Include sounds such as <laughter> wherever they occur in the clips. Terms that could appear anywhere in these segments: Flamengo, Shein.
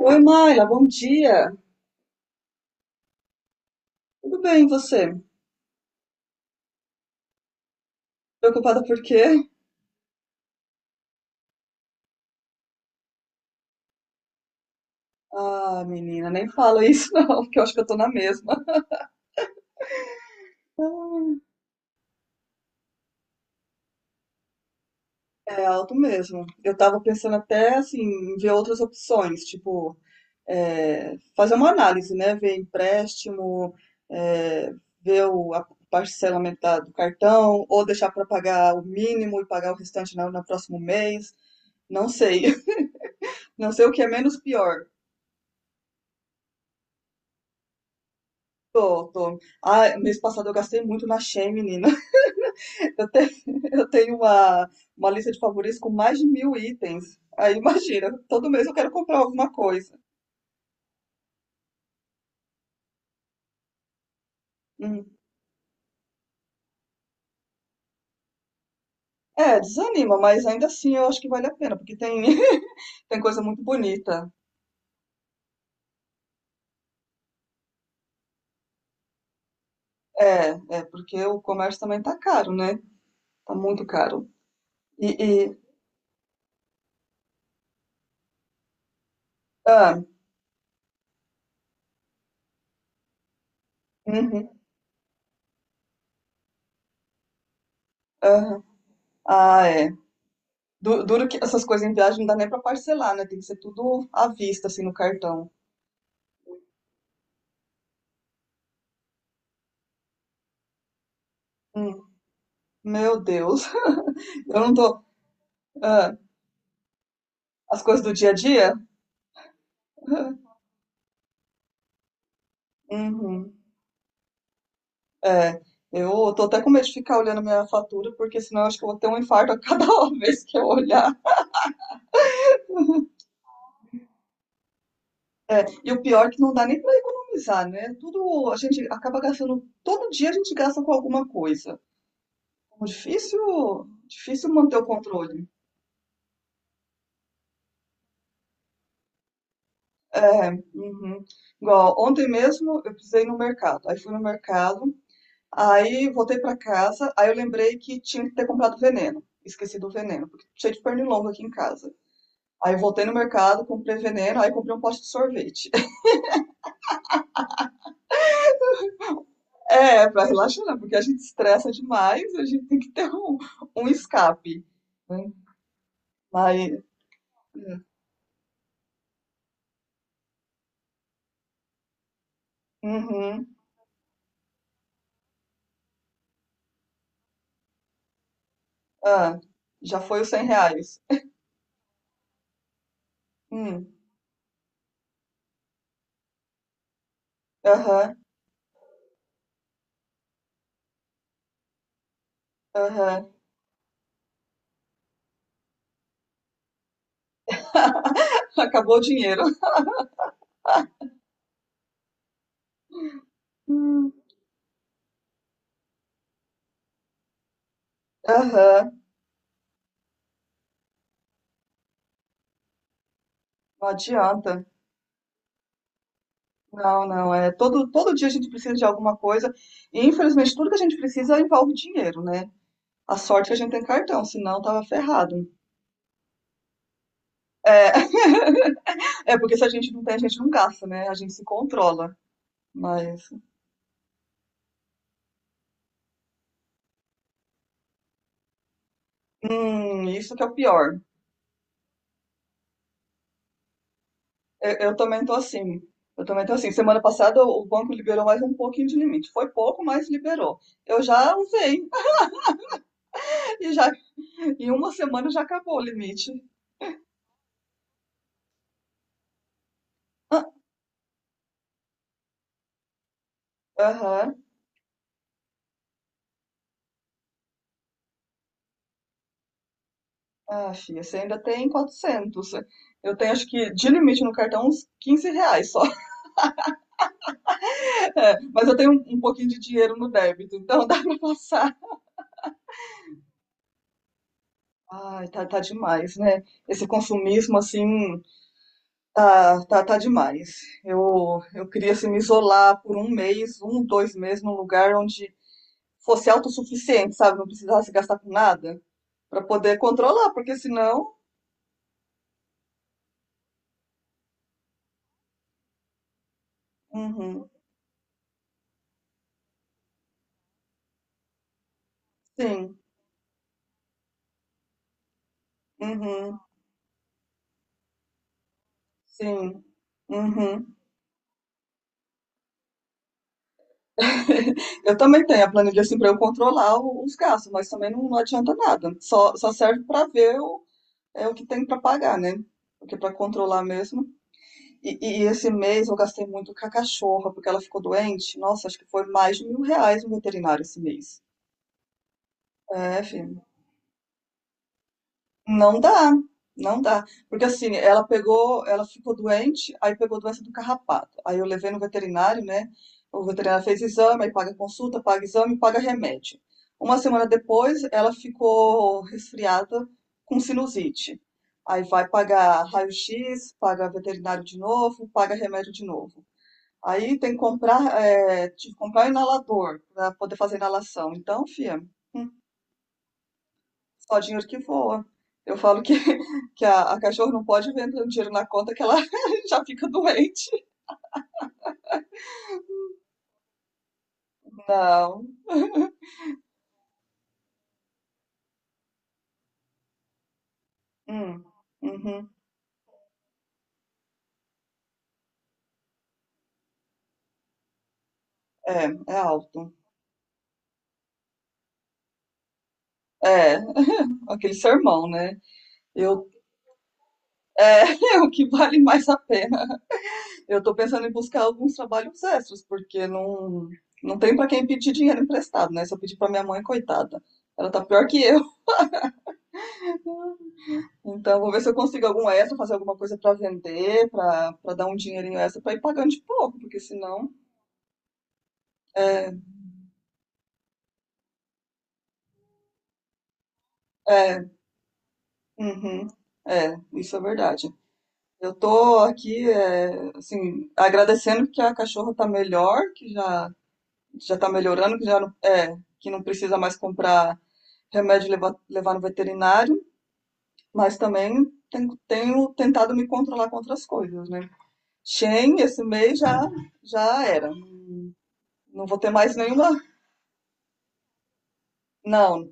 Oi, Mayra, bom dia. Tudo bem, e você? Preocupada por quê? Ah, menina, nem fala isso <laughs> não, porque eu acho que eu tô na mesma. Ah. É alto mesmo. Eu tava pensando até, assim, em ver outras opções, tipo, fazer uma análise, né? Ver empréstimo, é, ver o a parcelamento do cartão, ou deixar pra pagar o mínimo e pagar o restante no próximo mês. Não sei. <laughs> Não sei o que é menos pior. Tô, tô. Ah, mês passado eu gastei muito na Shein, menina. Eu tenho, <laughs> eu tenho uma lista de favoritos com mais de 1.000 itens. Aí imagina, todo mês eu quero comprar alguma coisa. Hum. É, desanima, mas ainda assim eu acho que vale a pena, porque tem, <laughs> tem coisa muito bonita. É, é, porque o comércio também tá caro, né? Tá muito caro. E, e- ah, uhum, aham. Ah, é. Duro que essas coisas em viagem não dá nem pra parcelar, né? Tem que ser tudo à vista, assim, no cartão. Hum, Meu Deus. <laughs> Eu não tô. Ah, as coisas do dia a dia? <laughs> Uhum. É, eu tô até com medo de ficar olhando minha fatura, porque senão eu acho que eu vou ter um infarto a cada <laughs> vez que eu olhar. E o pior é que não dá nem para economizar, né? Tudo a gente acaba gastando, todo dia a gente gasta com alguma coisa. Então, difícil manter o controle. É, uhum. Igual ontem mesmo eu precisei ir no mercado. Aí fui no mercado, aí voltei para casa, aí eu lembrei que tinha que ter comprado veneno. Esqueci do veneno, porque cheio de pernilongo aqui em casa. Aí eu voltei no mercado, comprei veneno, aí comprei um pote de sorvete. <laughs> É, pra relaxar, né? Porque a gente estressa demais, a gente tem que ter um escape, né? Mas. Uhum, ah, já foi os R$ 100. Hum, aham, aham. <laughs> Acabou o dinheiro. Hum, Aham, não adianta. Não, não, é todo dia a gente precisa de alguma coisa e infelizmente tudo que a gente precisa envolve dinheiro, né? A sorte é que a gente tem cartão, senão tava ferrado. É, <laughs> é, porque se a gente não tem, a gente não gasta, né? A gente se controla. Mas, isso que é o pior. Eu também tô assim. Eu também tô assim. Semana passada o banco liberou mais um pouquinho de limite. Foi pouco, mas liberou. Eu já usei. <laughs> E já, em uma semana já acabou o limite. Ah, aham. Ah, filha, você ainda tem 400. Eu tenho, acho que, de limite no cartão, uns R$ 15 só. <laughs> É, mas eu tenho um pouquinho de dinheiro no débito, então <laughs> dá pra passar. Ai, tá, tá demais, né? Esse consumismo, assim, tá, tá, tá demais. Eu queria, assim, me isolar por um mês, um, 2 meses, num lugar onde fosse autossuficiente, sabe? Não precisasse gastar com nada, pra poder controlar, porque senão. Uhum, sim, uhum, sim, uhum. <laughs> Eu também tenho a planilha, assim, pra eu controlar os gastos, mas também não adianta nada. Só serve pra ver o que tem pra pagar, né? Porque pra controlar mesmo. E, e esse mês eu gastei muito com a cachorra, porque ela ficou doente. Nossa, acho que foi mais de R$ 1.000 no veterinário esse mês. É, filho. Não dá, não dá. Porque assim, ela ficou doente, aí pegou doença do carrapato. Aí eu levei no veterinário, né? O veterinário fez exame, aí paga consulta, paga exame, paga remédio. Uma semana depois, ela ficou resfriada com sinusite. Aí vai pagar raio-x, paga veterinário de novo, paga remédio de novo. Aí tem que tive que comprar um inalador para poder fazer inalação. Então, fia, hum, só dinheiro que voa. Eu falo que, <laughs> que a cachorro não pode ver entrando dinheiro na conta que ela <laughs> já fica doente. Não. Hum, uhum. É, é alto. É, <laughs> aquele sermão, né? Eu, é, <laughs> é o que vale mais a pena. Eu tô pensando em buscar alguns trabalhos extras, porque não tem para quem pedir dinheiro emprestado, né? Se eu pedir para minha mãe, coitada, ela tá pior que. Então, vou ver se eu consigo algum extra, fazer alguma coisa pra vender, pra dar um dinheirinho extra pra ir pagando de pouco, porque senão. É, é, uhum, é, isso é verdade. Eu tô aqui, assim, agradecendo que a cachorra tá melhor, que já tá melhorando, que já não, que não precisa mais comprar remédio e levar no veterinário, mas também tenho tentado me controlar com outras coisas, né? Shen, esse mês já era. Não vou ter mais nenhuma. Não.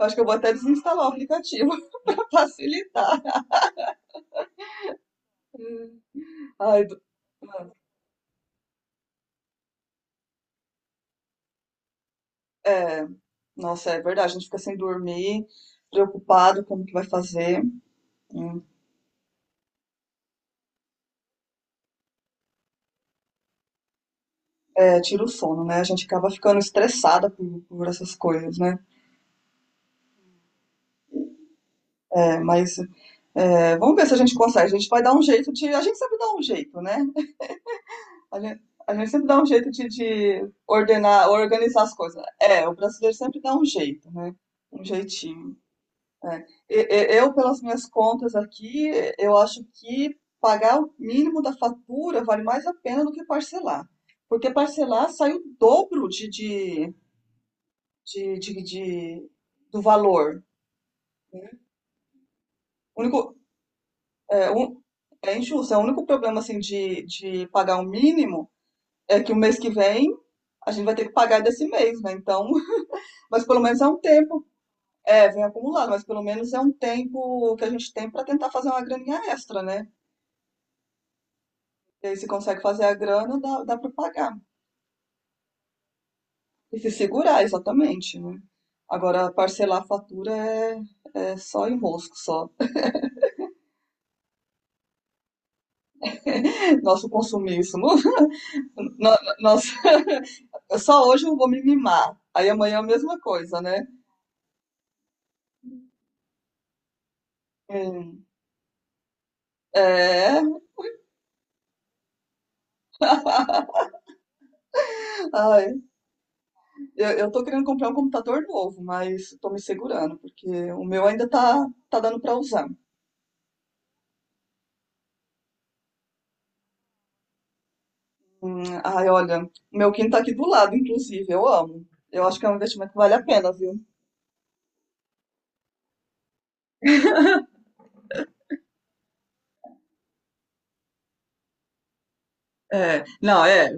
Acho que eu vou até desinstalar o aplicativo <laughs> para facilitar. Ai, do- é, Nossa, é verdade, a gente fica sem dormir, preocupado como que vai fazer. Hum. É, tira o sono, né? A gente acaba ficando estressada por essas coisas, né? É, mas vamos ver se a gente consegue. A gente vai dar um jeito de. A gente sempre dá um jeito, né? A gente, a gente sempre dá um jeito de ordenar, organizar as coisas. É, o brasileiro sempre dá um jeito, né? Um jeitinho. É. Eu, pelas minhas contas aqui, eu acho que pagar o mínimo da fatura vale mais a pena do que parcelar. Porque parcelar sai o dobro de, de- de- do valor. Né? O único, é, um- É injusto. É o único problema assim, de pagar o mínimo é que o mês que vem a gente vai ter que pagar desse mês, né? Então, <laughs> mas pelo menos é um tempo. É, vem acumulado, mas pelo menos é um tempo que a gente tem para tentar fazer uma graninha extra, né? E aí, se consegue fazer a grana, dá para pagar. E se segurar, exatamente, né? Agora, parcelar a fatura é só enrosco, só. <laughs> Nosso consumismo. <laughs> Nossa, só hoje eu vou me mimar. Aí amanhã é a mesma coisa, né? Hum. É. Ai, eu tô querendo comprar um computador novo, mas tô me segurando, porque o meu ainda tá, dando pra usar. Ai, olha, o meu quinto tá aqui do lado, inclusive, eu amo. Eu acho que é um investimento que vale a pena, viu? É, não, é,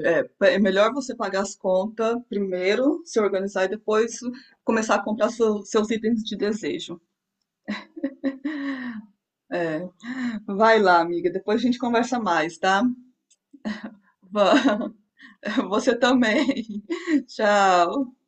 é, é melhor você pagar as contas primeiro, se organizar e depois começar a comprar seus itens de desejo. É, vai lá, amiga, depois a gente conversa mais, tá? Va- <laughs> Você também. <laughs> Tchau.